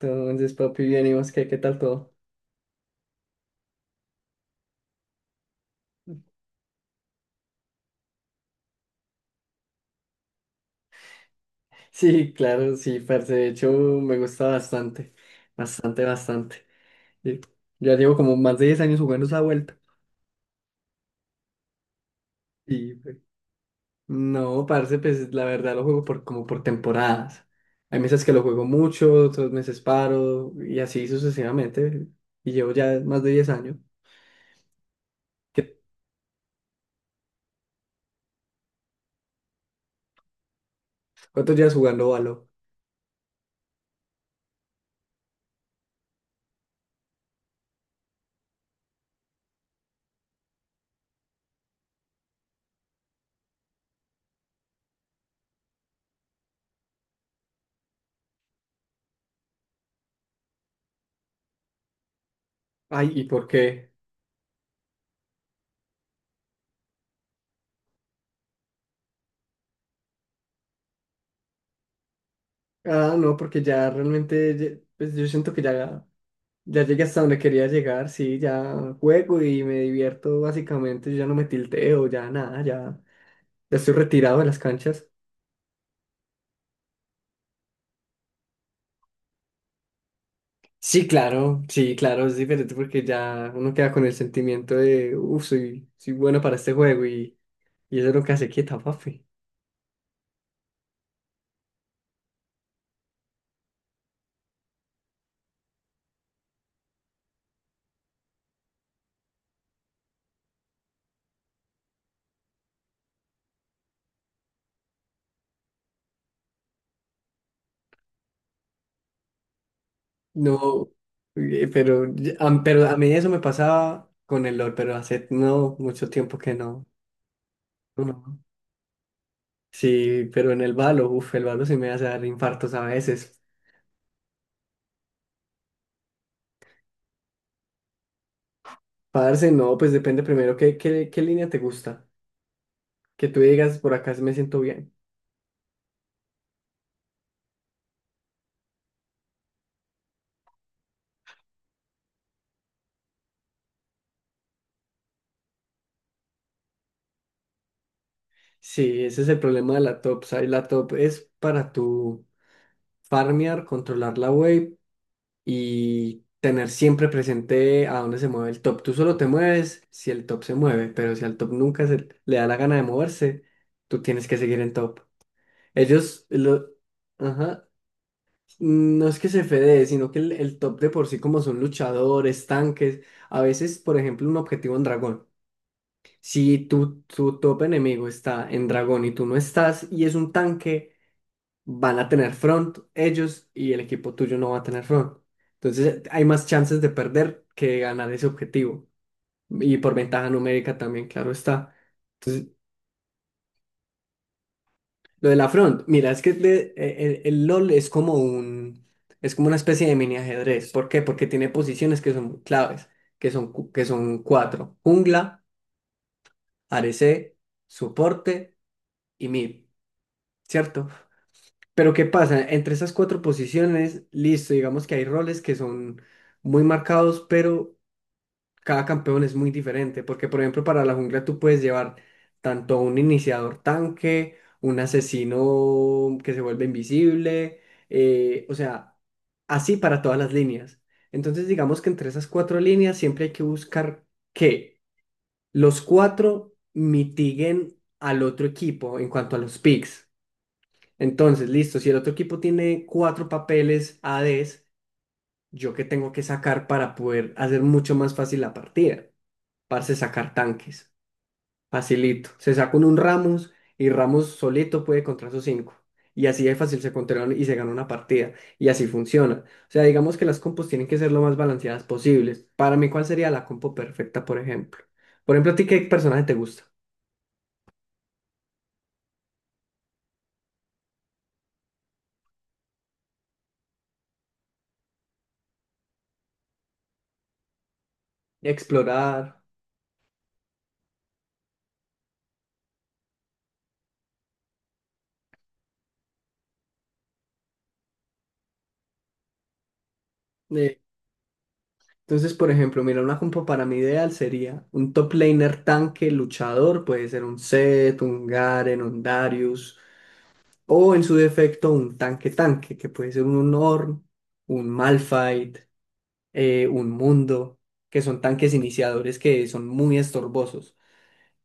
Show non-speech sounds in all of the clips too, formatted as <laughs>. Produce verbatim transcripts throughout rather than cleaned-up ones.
Entonces, papi, bien, ¿y vos qué, qué tal todo? Sí, claro, sí, parce, de hecho me gusta bastante, bastante, bastante. Y Ya llevo como más de diez años jugando esa vuelta. Y pues, no, parce, pues la verdad lo juego por, como por temporadas. Hay meses que lo juego mucho, otros meses paro, y así sucesivamente. Y llevo ya más de diez años. ¿Qué- ¿Cuántos días jugando Valo? Ay, ¿y por qué? Ah, no, porque ya realmente, ya- pues yo siento que ya Ya llegué hasta donde quería llegar, sí, ya juego y me divierto básicamente, yo ya no me tilteo, ya nada, ya, ya estoy retirado de las canchas. Sí, claro, sí, claro, es diferente porque ya uno queda con el sentimiento de, uff, soy, soy bueno para este juego y, y eso es lo que hace quieta, papi. No, eh, pero, ya- a, pero a mí eso me pasaba con el LOL, pero hace no mucho tiempo que no. No. No. Sí, pero en el balo, uff, el balo se me hace dar infartos a veces. Parce, no, pues depende primero qué, qué, qué línea te gusta. Que tú digas, por acá me siento bien. Sí, ese es el problema de la top. O sea, la top es para tu farmear, controlar la wave y tener siempre presente a dónde se mueve el top. Tú solo te mueves si el top se mueve, pero si al top nunca se le da la gana de moverse, tú tienes que seguir en top. Ellos, lo, ajá, no es que se fedee, sino que el, el top de por sí, como son luchadores, tanques, a veces, por ejemplo, un objetivo en dragón. Si tu, tu top enemigo está en dragón y tú no estás y es un tanque, van a tener front ellos y el equipo tuyo no va a tener front. Entonces hay más chances de perder que de ganar ese objetivo. Y por ventaja numérica también, claro está. Entonces, lo de la front, mira, es que le- eh, el, el LOL es como un, es como una especie de mini ajedrez. ¿Por qué? Porque tiene posiciones que son claves, que son, cu- que son cuatro. Jungla, A D C, soporte y mid, ¿cierto? Pero ¿qué pasa? Entre esas cuatro posiciones, listo, digamos que hay roles que son muy marcados, pero cada campeón es muy diferente, porque por ejemplo para la jungla tú puedes llevar tanto un iniciador tanque, un asesino que se vuelve invisible, eh, o sea, así para todas las líneas. Entonces digamos que entre esas cuatro líneas siempre hay que buscar que los cuatro mitiguen al otro equipo en cuanto a los picks. Entonces, listo, si el otro equipo tiene cuatro papeles A Ds, ¿yo qué tengo que sacar para poder hacer mucho más fácil la partida? Parce, sacar tanques. Facilito. Se saca uno un Ramos y Ramos solito puede contra sus cinco. Y así de fácil se controlan y se gana una partida. Y así funciona. O sea, digamos que las compos tienen que ser lo más balanceadas posibles. Para mí, ¿cuál sería la compo perfecta, por ejemplo? Por ejemplo, ¿a ti qué personaje te gusta? Explorar, eh, entonces, por ejemplo, mira, una compo para mi ideal sería un top laner tanque luchador, puede ser un Zed, un Garen, un Darius, o en su defecto un tanque tanque, que puede ser un Ornn, un Malphite, eh, un Mundo, que son tanques iniciadores que son muy estorbosos.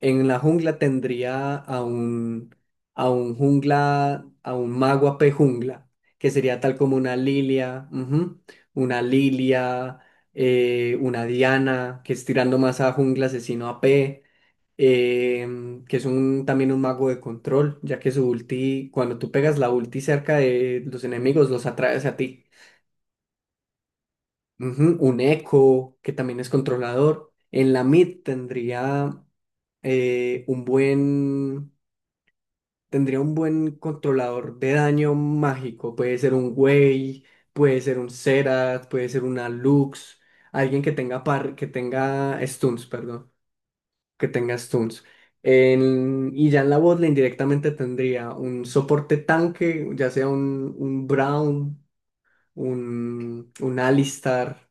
En la jungla tendría a un, a un jungla, a un mago A P jungla, que sería tal como una Lilia, ujú, una Lilia, eh, una Diana, que es tirando más a jungla asesino A P, em, que es un, también un mago de control, ya que su ulti, cuando tú pegas la ulti cerca de los enemigos, los atraes a ti. Ujú. Un eco que también es controlador. En la mid tendría eh, un buen tendría un buen controlador de daño mágico. Puede ser un Wei, puede ser un Xerath, puede ser una Lux. Alguien que tenga par, que tenga stuns, perdón. Que tenga stuns. En- y ya en la botlane directamente tendría un soporte tanque, ya sea un, un Brown, un, un Alistar.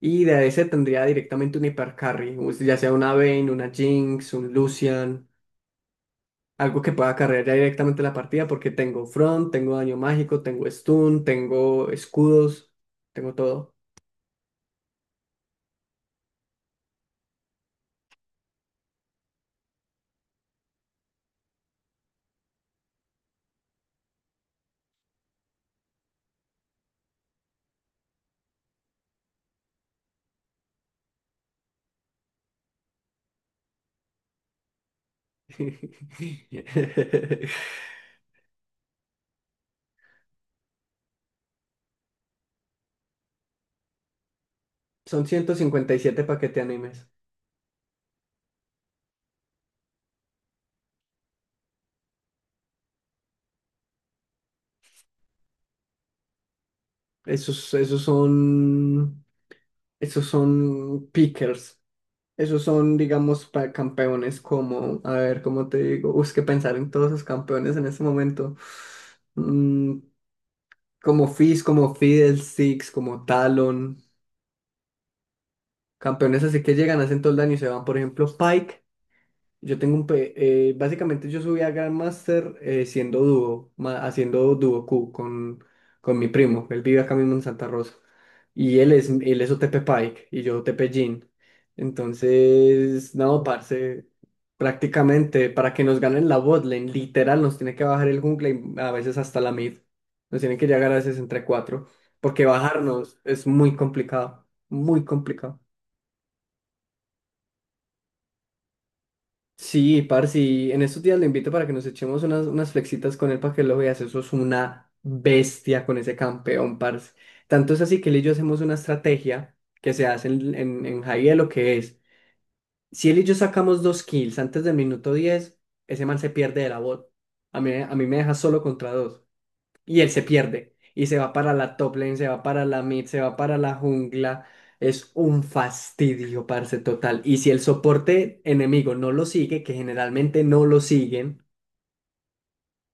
Y de ese tendría directamente un hipercarry, ya sea una Vayne, una Jinx, un Lucian algo que pueda cargar ya directamente la partida, porque tengo front, tengo daño mágico, tengo stun, tengo escudos, tengo todo. <laughs> Son ciento cincuenta y siete paquetes animes. Esos, esos son, esos son pickers. Esos son, digamos, pa- campeones como, a ver, ¿cómo te digo? Uy, es que pensar en todos esos campeones en este momento. Mm, Como Fizz, como Fiddlesticks, como Talon. Campeones así que llegan, hacen todo el daño y se van. Por ejemplo, Pike. Yo tengo un... pe- eh, Básicamente yo subí a Grandmaster eh, siendo dúo, ma- haciendo dúo Q con, con mi primo. Él vive acá mismo en Santa Rosa. Y él es, él es O T P Pike y yo O T P Jhin. Entonces, no, parce, prácticamente para que nos ganen la botlane, literal, nos tiene que bajar el jungle y a veces hasta la mid. Nos tiene que llegar a veces entre cuatro, porque bajarnos es muy complicado, muy complicado. Sí, parce, y en estos días lo invito para que nos echemos unas, unas flexitas con él para que lo veas. Eso es una bestia con ese campeón, parce. Tanto es así que él y yo hacemos una estrategia que se hace en, en, en high de lo que es. Si él y yo sacamos dos kills antes del minuto diez ese man se pierde de la bot. A mí, a mí me deja solo contra dos y él se pierde y se va para la top lane, se va para la mid, se va para la jungla. Es un fastidio, parce, total. Y si el soporte enemigo no lo sigue, que generalmente no lo siguen,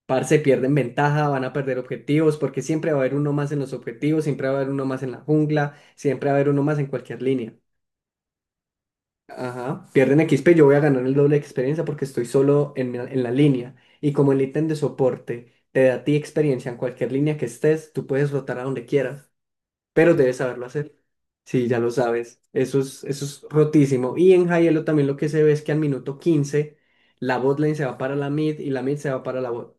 parce, pierden ventaja, van a perder objetivos, porque siempre va a haber uno más en los objetivos, siempre va a haber uno más en la jungla, siempre va a haber uno más en cualquier línea. Ajá, pierden X P, yo voy a ganar el doble de experiencia porque estoy solo en, la- en la línea. Y como el ítem de soporte te da a ti experiencia en cualquier línea que estés, tú puedes rotar a donde quieras. Pero debes saberlo hacer. Sí, ya lo sabes. Eso es, eso es rotísimo. Y en Hielo también lo que se ve es que al minuto quince la botlane se va para la mid y la mid se va para la bot.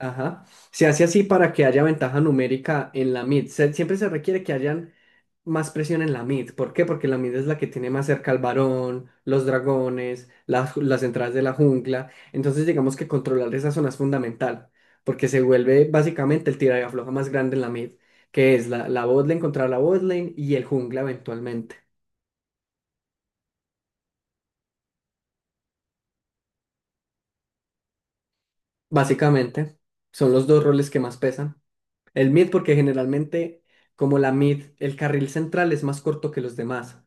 Ajá. Se hace así para que haya ventaja numérica en la mid. Se- siempre se requiere que hayan más presión en la mid. ¿Por qué? Porque la mid es la que tiene más cerca al varón, los dragones, las, ju- las entradas de la jungla. Entonces, digamos que controlar esa zona es fundamental, porque se vuelve básicamente el tira y afloja más grande en la mid, que es la, la botlane contra la botlane y el jungla eventualmente. Básicamente, son los dos roles que más pesan. El mid, porque generalmente, como la mid, el carril central es más corto que los demás.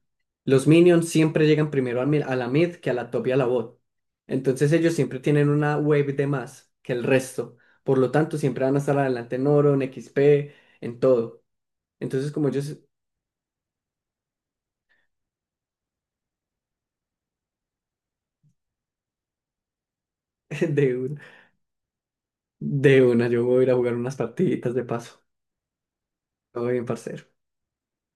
Los minions siempre llegan primero al mi- a la mid que a la top y a la bot. Entonces ellos siempre tienen una wave de más que el resto. Por lo tanto, siempre van a estar adelante en oro, en X P, en todo. Entonces, como ellos. <laughs> de, un- de una, yo voy a ir a jugar unas partiditas de paso. Todo bien, parcero.